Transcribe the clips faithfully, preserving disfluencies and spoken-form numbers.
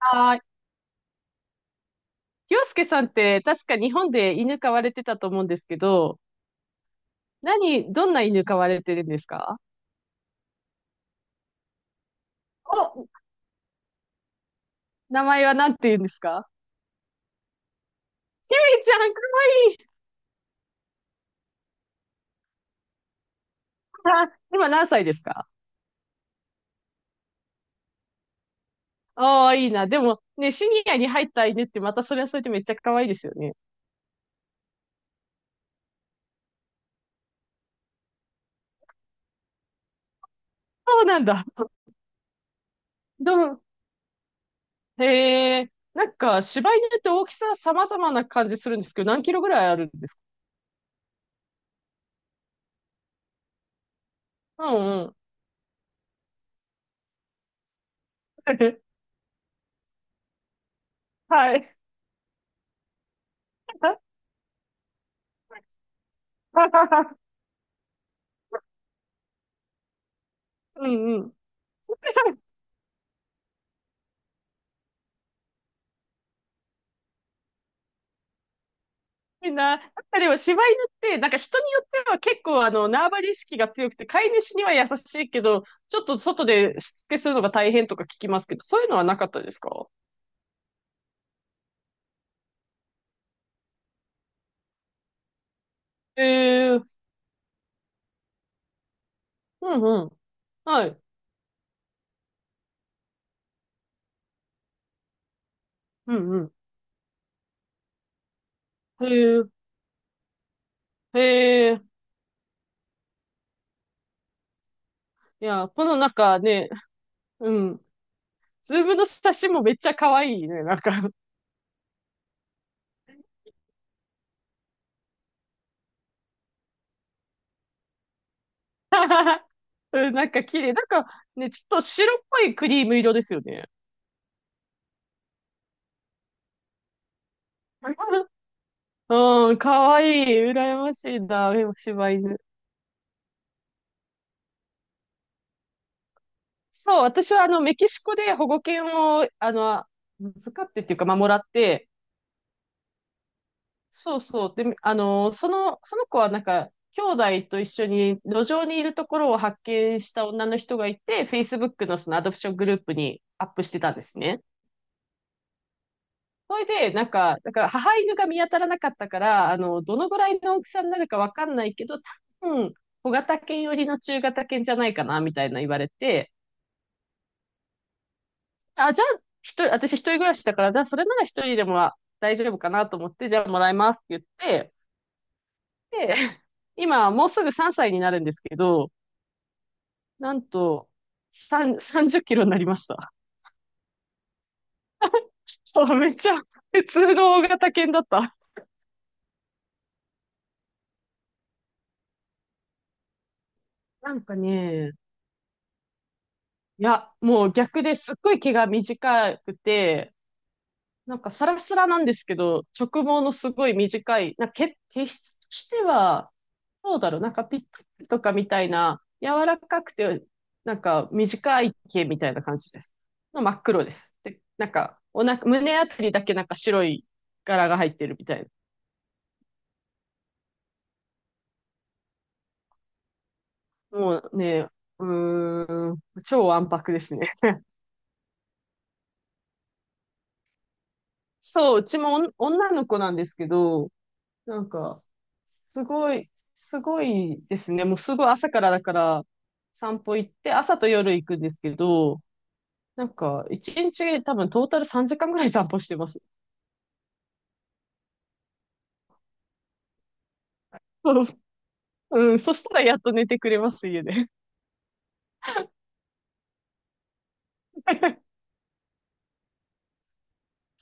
あー、洋介さんって確か日本で犬飼われてたと思うんですけど、何、どんな犬飼われてるんですか？お、名前は何て言うんですか？ひめちゃん、かわいい。あ今何歳ですか？ああー、いいな。でもね、シニアに入った犬ってまたそれはそれでめっちゃ可愛いですよね。そうなんだ。どう、へえ、なんか柴犬って大きさ様々な感じするんですけど、何キロぐらいあるんですか？うんうん。はい。うんうん。いいな。やっぱでも柴犬って、なんか人によっては結構あの、縄張り意識が強くて、飼い主には優しいけど、ちょっと外でしつけするのが大変とか聞きますけど、そういうのはなかったですか？へえ、うんうん。はい。うんうん。へえ、へえ。いや、このなんかね、うん。ズームの写真もめっちゃ可愛いね、なんか。うん、なんか綺麗。なんかね、ちょっと白っぽいクリーム色ですよね。うん、可愛い。羨ましいな、柴犬。そう、私はあの、メキシコで保護犬を、あの、預かってっていうか、まあ、もらって、そうそう、で、あの、その、その子はなんか、兄弟と一緒に路上にいるところを発見した女の人がいて、Facebook のそのアドプショングループにアップしてたんですね。それで、なんか、だから母犬が見当たらなかったから、あの、どのぐらいの大きさになるかわかんないけど、多分、小型犬寄りの中型犬じゃないかな、みたいな言われて、あ、じゃあ、一人、私一人暮らしだから、じゃあそれなら一人でもは大丈夫かなと思って、じゃあもらいますって言って、で、今もうすぐさんさいになるんですけど、なんと、さん、さんじゅっキロになりました。そう、めっちゃ普通の大型犬だった。なんかね、いや、もう逆ですっごい毛が短くて、なんかサラサラなんですけど、直毛のすごい短い、なんか毛、毛質としては、どうだろう、なんかピッタリとかみたいな、柔らかくて、なんか短い毛みたいな感じです。の真っ黒です。で、なんか、おな、胸あたりだけなんか白い柄が入ってるみたいな。もうね、うーん、超わんぱくですね。そう、うちもお女の子なんですけど、なんか、すごい、すごいですね。もうすごい朝からだから散歩行って、朝と夜行くんですけど、なんか一日多分トータルさんじかんぐらい散歩してます。そう、うん、そしたらやっと寝てくれます、家で。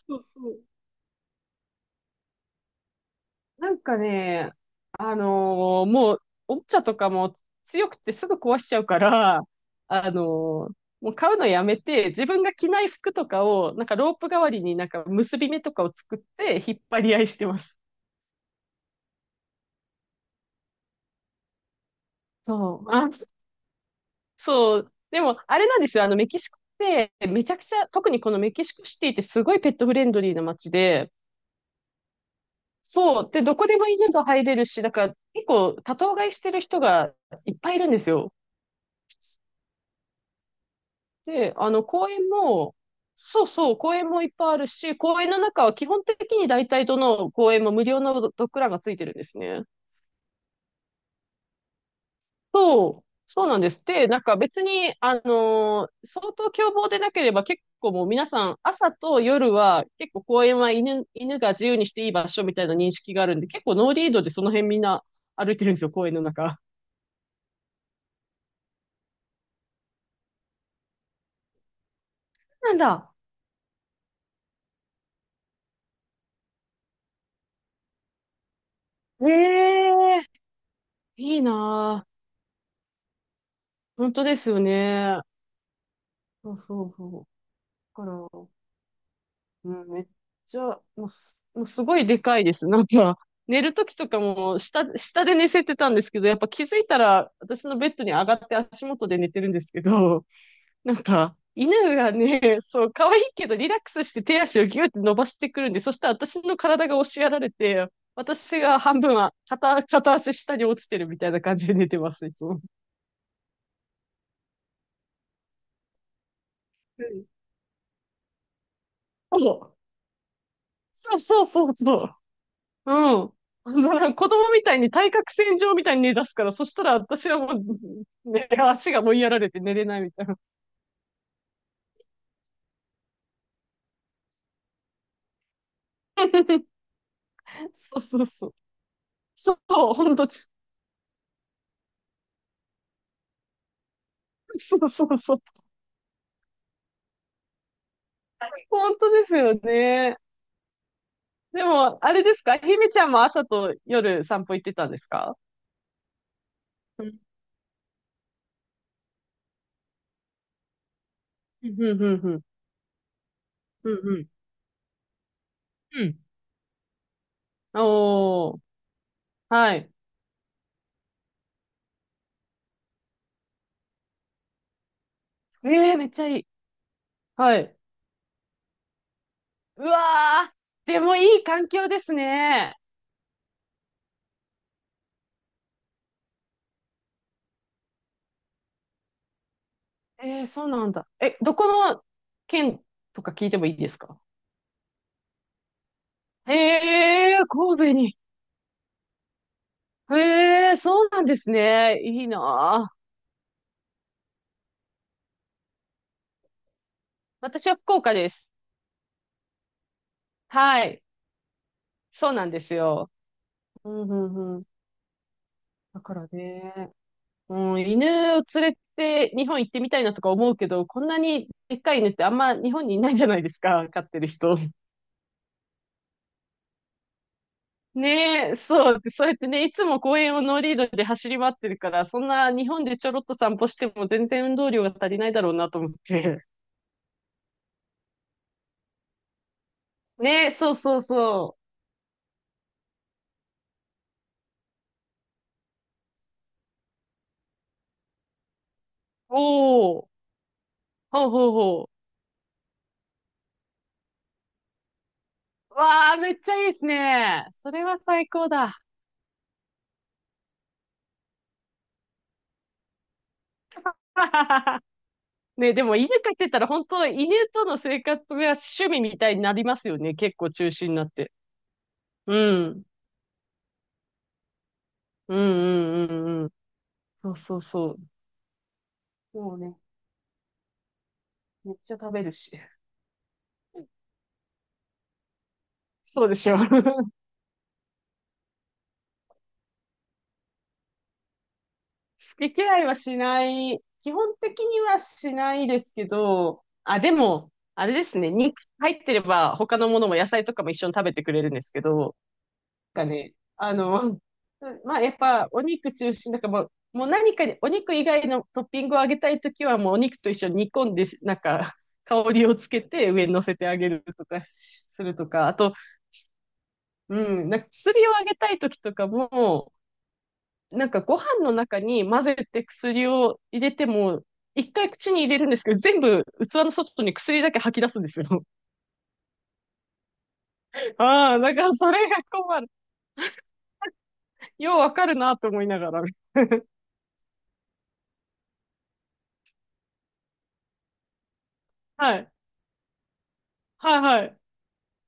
そうそう。なんかね、あのーもうおもちゃとかも強くてすぐ壊しちゃうから、あのーもう買うのやめて、自分が着ない服とかを、なんかロープ代わりになんか結び目とかを作って引っ張り合いしてます。そう。あそう。でも、あれなんですよ。あの、メキシコって、めちゃくちゃ、特にこのメキシコシティってすごいペットフレンドリーな街で、そう。で、どこでも犬が入れるし、だから結構多頭飼いしてる人がいっぱいいるんですよ。で、あの、公園も、そうそう、公園もいっぱいあるし、公園の中は基本的に大体どの公園も無料のドッグランがついてるんですね。そう、そうなんです。で、なんか別に、あのー相当凶暴でなければ結構もう皆さん朝と夜は結構公園は犬、犬が自由にしていい場所みたいな認識があるんで、結構ノーリードでその辺みんな歩いてるんですよ、公園の中。なんだ。ええいいなぁ。本当ですよね。そうそうそう。だから、うん、めっちゃ、もうす、もうすごいでかいです。なんか、寝るときとかも下、下で寝せてたんですけど、やっぱ気づいたら私のベッドに上がって足元で寝てるんですけど、なんか、犬がね、そう、可愛いけどリラックスして手足をギューって伸ばしてくるんで、そしたら私の体が押しやられて、私が半分は片、片足下に落ちてるみたいな感じで寝てます、いつも。うんそうそうそうそうそう。うん。だから子供みたいに対角線上みたいに寝出すから、そしたら私はもう、ね、足が追いやられて寝れないみたいな。そうそうそう。そう、本当、そうそうそう。本当ですよね。でも、あれですかひめちゃんも朝と夜散歩行ってたんですか？うん、うん、うん、うん、うん、うん。うんおー、はい。ええめっちゃいい。はい。うわー、でもいい環境ですね。えー、そうなんだ。え、どこの県とか聞いてもいいですか？ええー、神戸に。ええー、そうなんですね。いいなぁ。私は福岡です。はい。そうなんですよ。うんうんうん。だからね、うん、犬を連れて日本行ってみたいなとか思うけど、こんなにでっかい犬ってあんま日本にいないじゃないですか、飼ってる人。ねえ、そう、そうやってね、いつも公園をノーリードで走り回ってるから、そんな日本でちょろっと散歩しても全然運動量が足りないだろうなと思って。ねえ、そうそうそう。おお、ほうほうほう。わあ、めっちゃいいですね。それは最高だ。ねえ、でも犬飼ってたら本当、犬との生活が趣味みたいになりますよね。結構中心になって。うん。うんうんうんうん。そうそうそう。もうね、めっちゃ食べるし。そうでしょ。毛嫌いはしない。基本的にはしないですけど、あ、でも、あれですね。肉入ってれば他のものも野菜とかも一緒に食べてくれるんですけど、なんかね、あの、まあやっぱお肉中心なんかもう、もう何かにお肉以外のトッピングをあげたいときはもうお肉と一緒に煮込んで、なんか香りをつけて上に乗せてあげるとかしするとか、あと、うん、なんか薬をあげたいときとかも、なんかご飯の中に混ぜて薬を入れても、一回口に入れるんですけど、全部器の外に薬だけ吐き出すんですよ。ああ、だからそれが困る。ようわかるなと思いながら。はい。はいはい。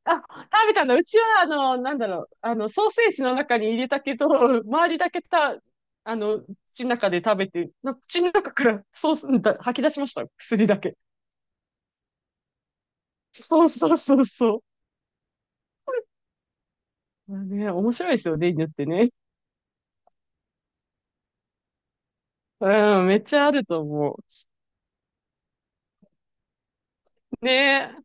あ、食べたんだ。うちは、あの、なんだろう。あの、ソーセージの中に入れたけど、周りだけた、あの、口の中で食べて、な口の中からソースだ、吐き出しました。薬だけ。そうそうそうそう。まあね、面白いですよね、犬ってね。うん、めっちゃあると思う。ね